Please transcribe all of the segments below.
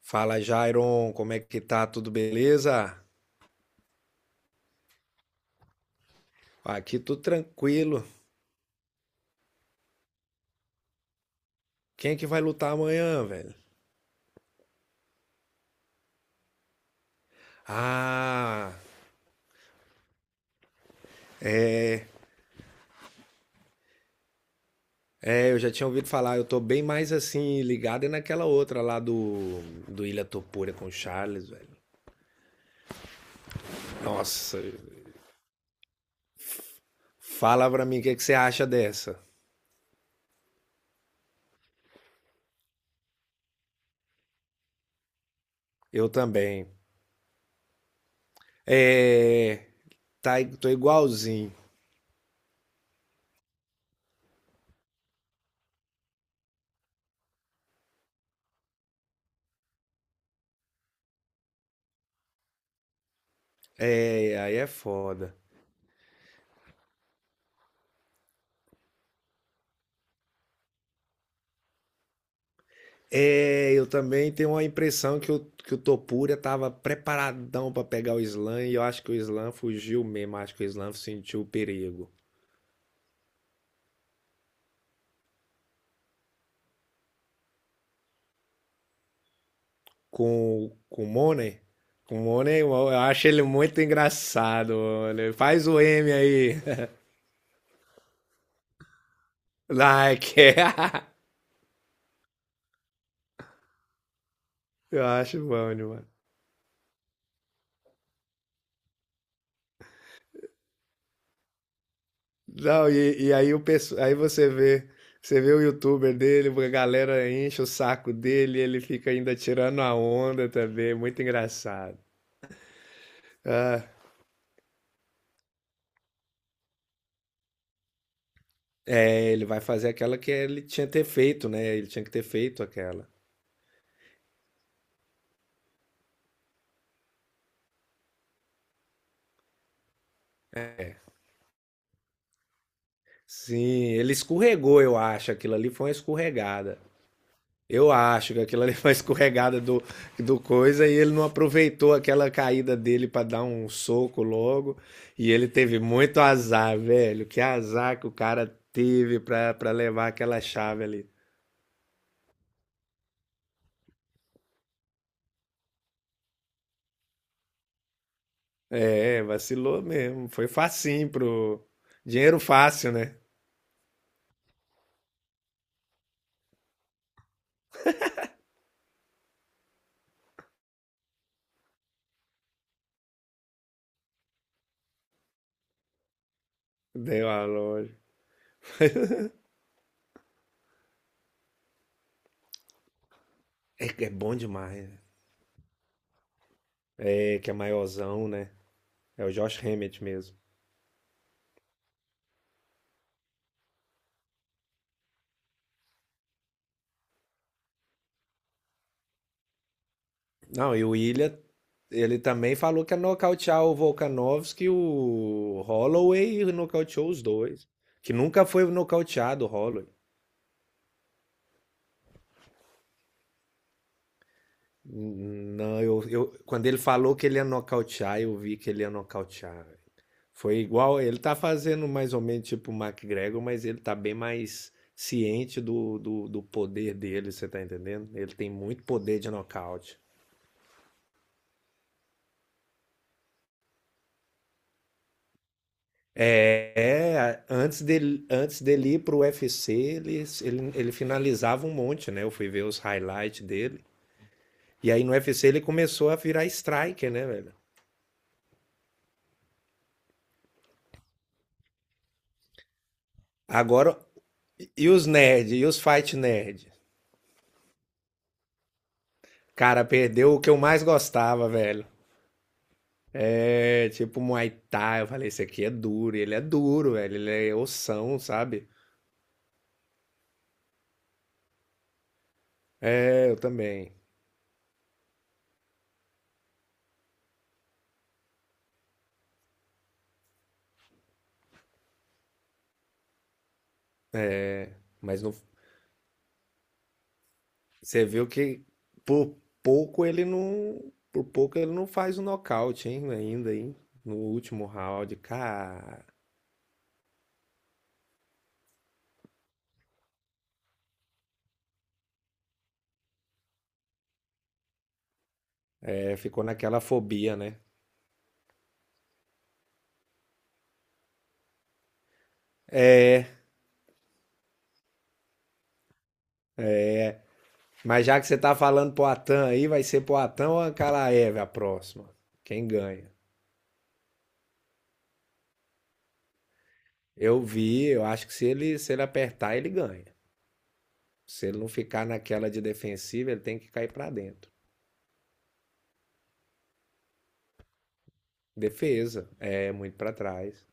Fala, Jairon, como é que tá? Tudo beleza? Aqui tudo tranquilo. Quem é que vai lutar amanhã, velho? Ah, eu já tinha ouvido falar, eu tô bem mais assim, ligado é naquela outra lá do Ilha Topura com o Charles, velho. Nossa, fala pra mim é que você acha dessa. Eu também. É, Tô igualzinho. É, aí é foda. É, eu também tenho uma impressão que o Topuria estava preparadão para pegar o Islam e eu acho que o Islam fugiu mesmo, acho que o Islam sentiu o perigo. Com, com o Money, com o Money, eu acho ele muito engraçado, Money. Faz o M aí, like. Eu acho bom demais. Não, e aí, o, pesso- aí você vê, Você vê o youtuber dele, a galera enche o saco dele, e ele fica ainda tirando a onda também, muito engraçado. Ah, É, ele vai fazer aquela que ele tinha que ter feito, né? Ele tinha que ter feito aquela. Sim, ele escorregou, eu acho. Aquilo ali foi uma escorregada. Eu acho que aquilo ali foi uma escorregada do coisa e ele não aproveitou aquela caída dele pra dar um soco logo. E ele teve muito azar, velho. Que azar que o cara teve pra levar aquela chave ali. É, vacilou mesmo. Foi facinho pro. Dinheiro fácil, né? Deu a loja. É, é bom demais, né? É, que é maiorzão, né? É o Josh Hammett mesmo. Não, e o Ilha, Ele também falou que ia nocautear o Volkanovski, o Holloway e nocauteou os dois. Que nunca foi nocauteado o Holloway. Não, eu, Quando ele falou que ele ia nocautear, eu vi que ele ia nocautear. Foi igual, ele tá fazendo mais ou menos tipo o McGregor, mas ele tá bem mais ciente do poder dele, você tá entendendo? Ele tem muito poder de nocaute. Antes dele ir pro UFC, ele finalizava um monte, né? Eu fui ver os highlights dele. E aí no U F C ele começou a virar striker, né, velho? Agora, e os nerd, e os fight nerd? Cara, perdeu o que eu mais gostava, velho. É, tipo Muay Thai, eu falei, esse aqui é duro, e ele é duro, velho, ele é ossão, sabe? É, eu também. Mas não, Você viu que por por pouco ele não faz o nocaute, hein, ainda, hein? No último round, cara. É, ficou naquela fobia, né? É, mas já que você tá falando pro Atan aí, vai ser pro Atan ou Ankalaev a próxima? Quem ganha? Eu vi, eu acho que se ele apertar, ele ganha. Se ele não ficar naquela de defensiva, ele tem que cair pra dentro. Defesa, é muito pra trás.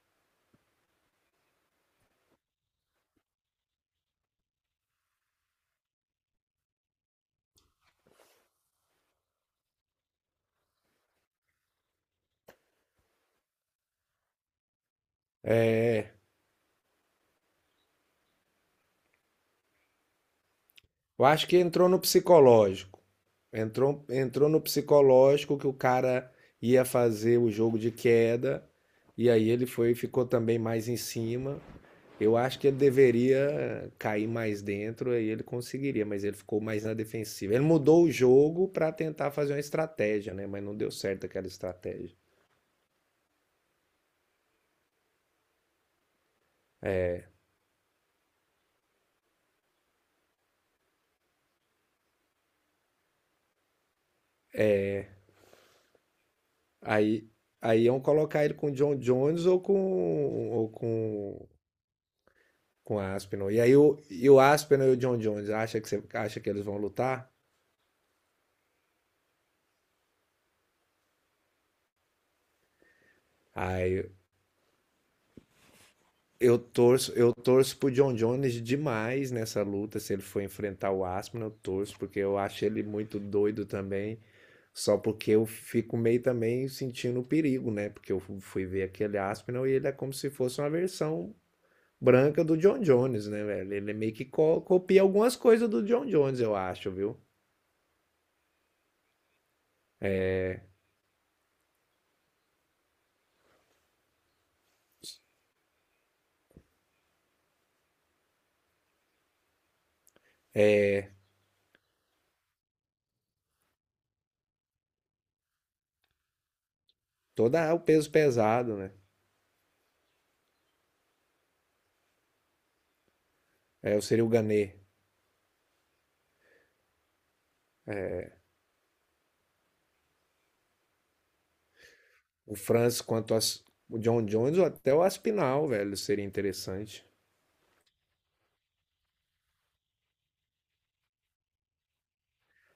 Eu acho que entrou no psicológico. Entrou no psicológico que o cara ia fazer o jogo de queda, e aí ele foi ficou também mais em cima. Eu acho que ele deveria cair mais dentro, aí ele conseguiria, mas ele ficou mais na defensiva. Ele mudou o jogo para tentar fazer uma estratégia, né? Mas não deu certo aquela estratégia. Aí, aí iam colocar ele com o John Jones com o Aspinall. E aí e o Aspinall e o John Jones acha que, você, acha que eles vão lutar? Aí eu torço pro John Jones demais nessa luta. Se ele for enfrentar o Aspinall, eu torço, porque eu acho ele muito doido também. Só porque eu fico meio também sentindo o perigo, né? Porque eu fui ver aquele Aspinall e ele é como se fosse uma versão branca do John Jones, né, velho? Ele meio que copia algumas coisas do John Jones, eu acho, viu? É, toda o peso pesado, né? É, eu seria o Gané. O Francis quanto as, O John Jones ou até o Aspinall, velho, seria interessante.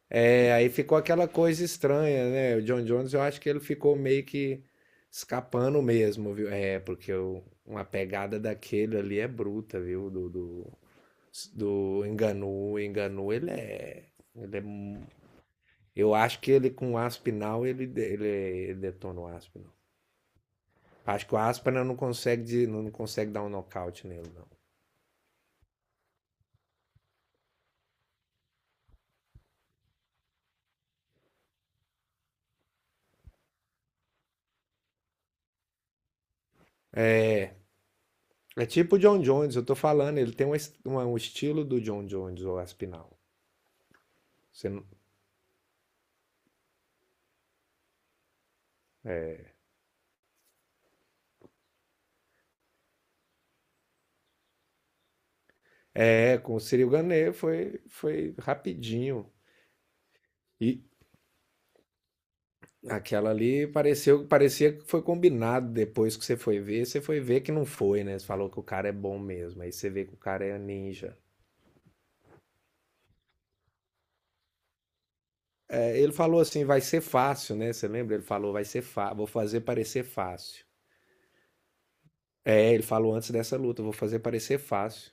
É, aí ficou aquela coisa estranha, né? O John Jones, eu acho que ele ficou meio que escapando mesmo, viu? É, porque o- uma pegada daquele ali é bruta, viu? Do Enganu. Enganu, Ele é. mu- Eu acho que ele com o Aspinal, ele detona o Aspinal. Acho que o Aspinal não consegue dar um nocaute nele, não. É tipo o John Jones, eu tô falando, ele tem um estilo do John Jones, o Aspinal. Você não- É, com o Ciro Ganê foi, foi rapidinho. E parecia que foi combinado depois que você foi ver. Você foi ver que não foi, né? Você falou que o cara é bom mesmo. Aí você vê que o cara é ninja. É, ele falou assim: vai ser fácil, né? Você lembra? Ele falou: vai ser fácil, vou fazer parecer fácil. É, ele falou antes dessa luta: vou fazer parecer fácil.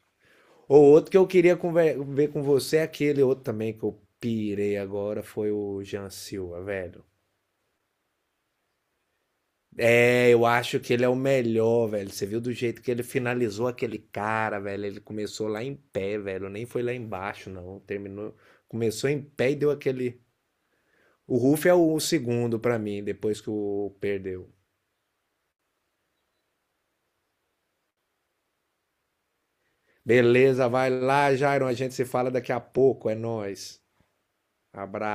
Ou outro que eu queria ver com você, é aquele outro também que eu pirei agora, foi o Jean Silva, velho. É, eu acho que ele é o melhor, velho. Você viu do jeito que ele finalizou aquele cara, velho? Ele começou lá em pé, velho. Nem foi lá embaixo, não. Terminou, começou em pé e deu aquele. O Ruff é o segundo pra mim, depois que o perdeu. Beleza, vai lá, Jairon. A gente se fala daqui a pouco. É nóis. Abraço.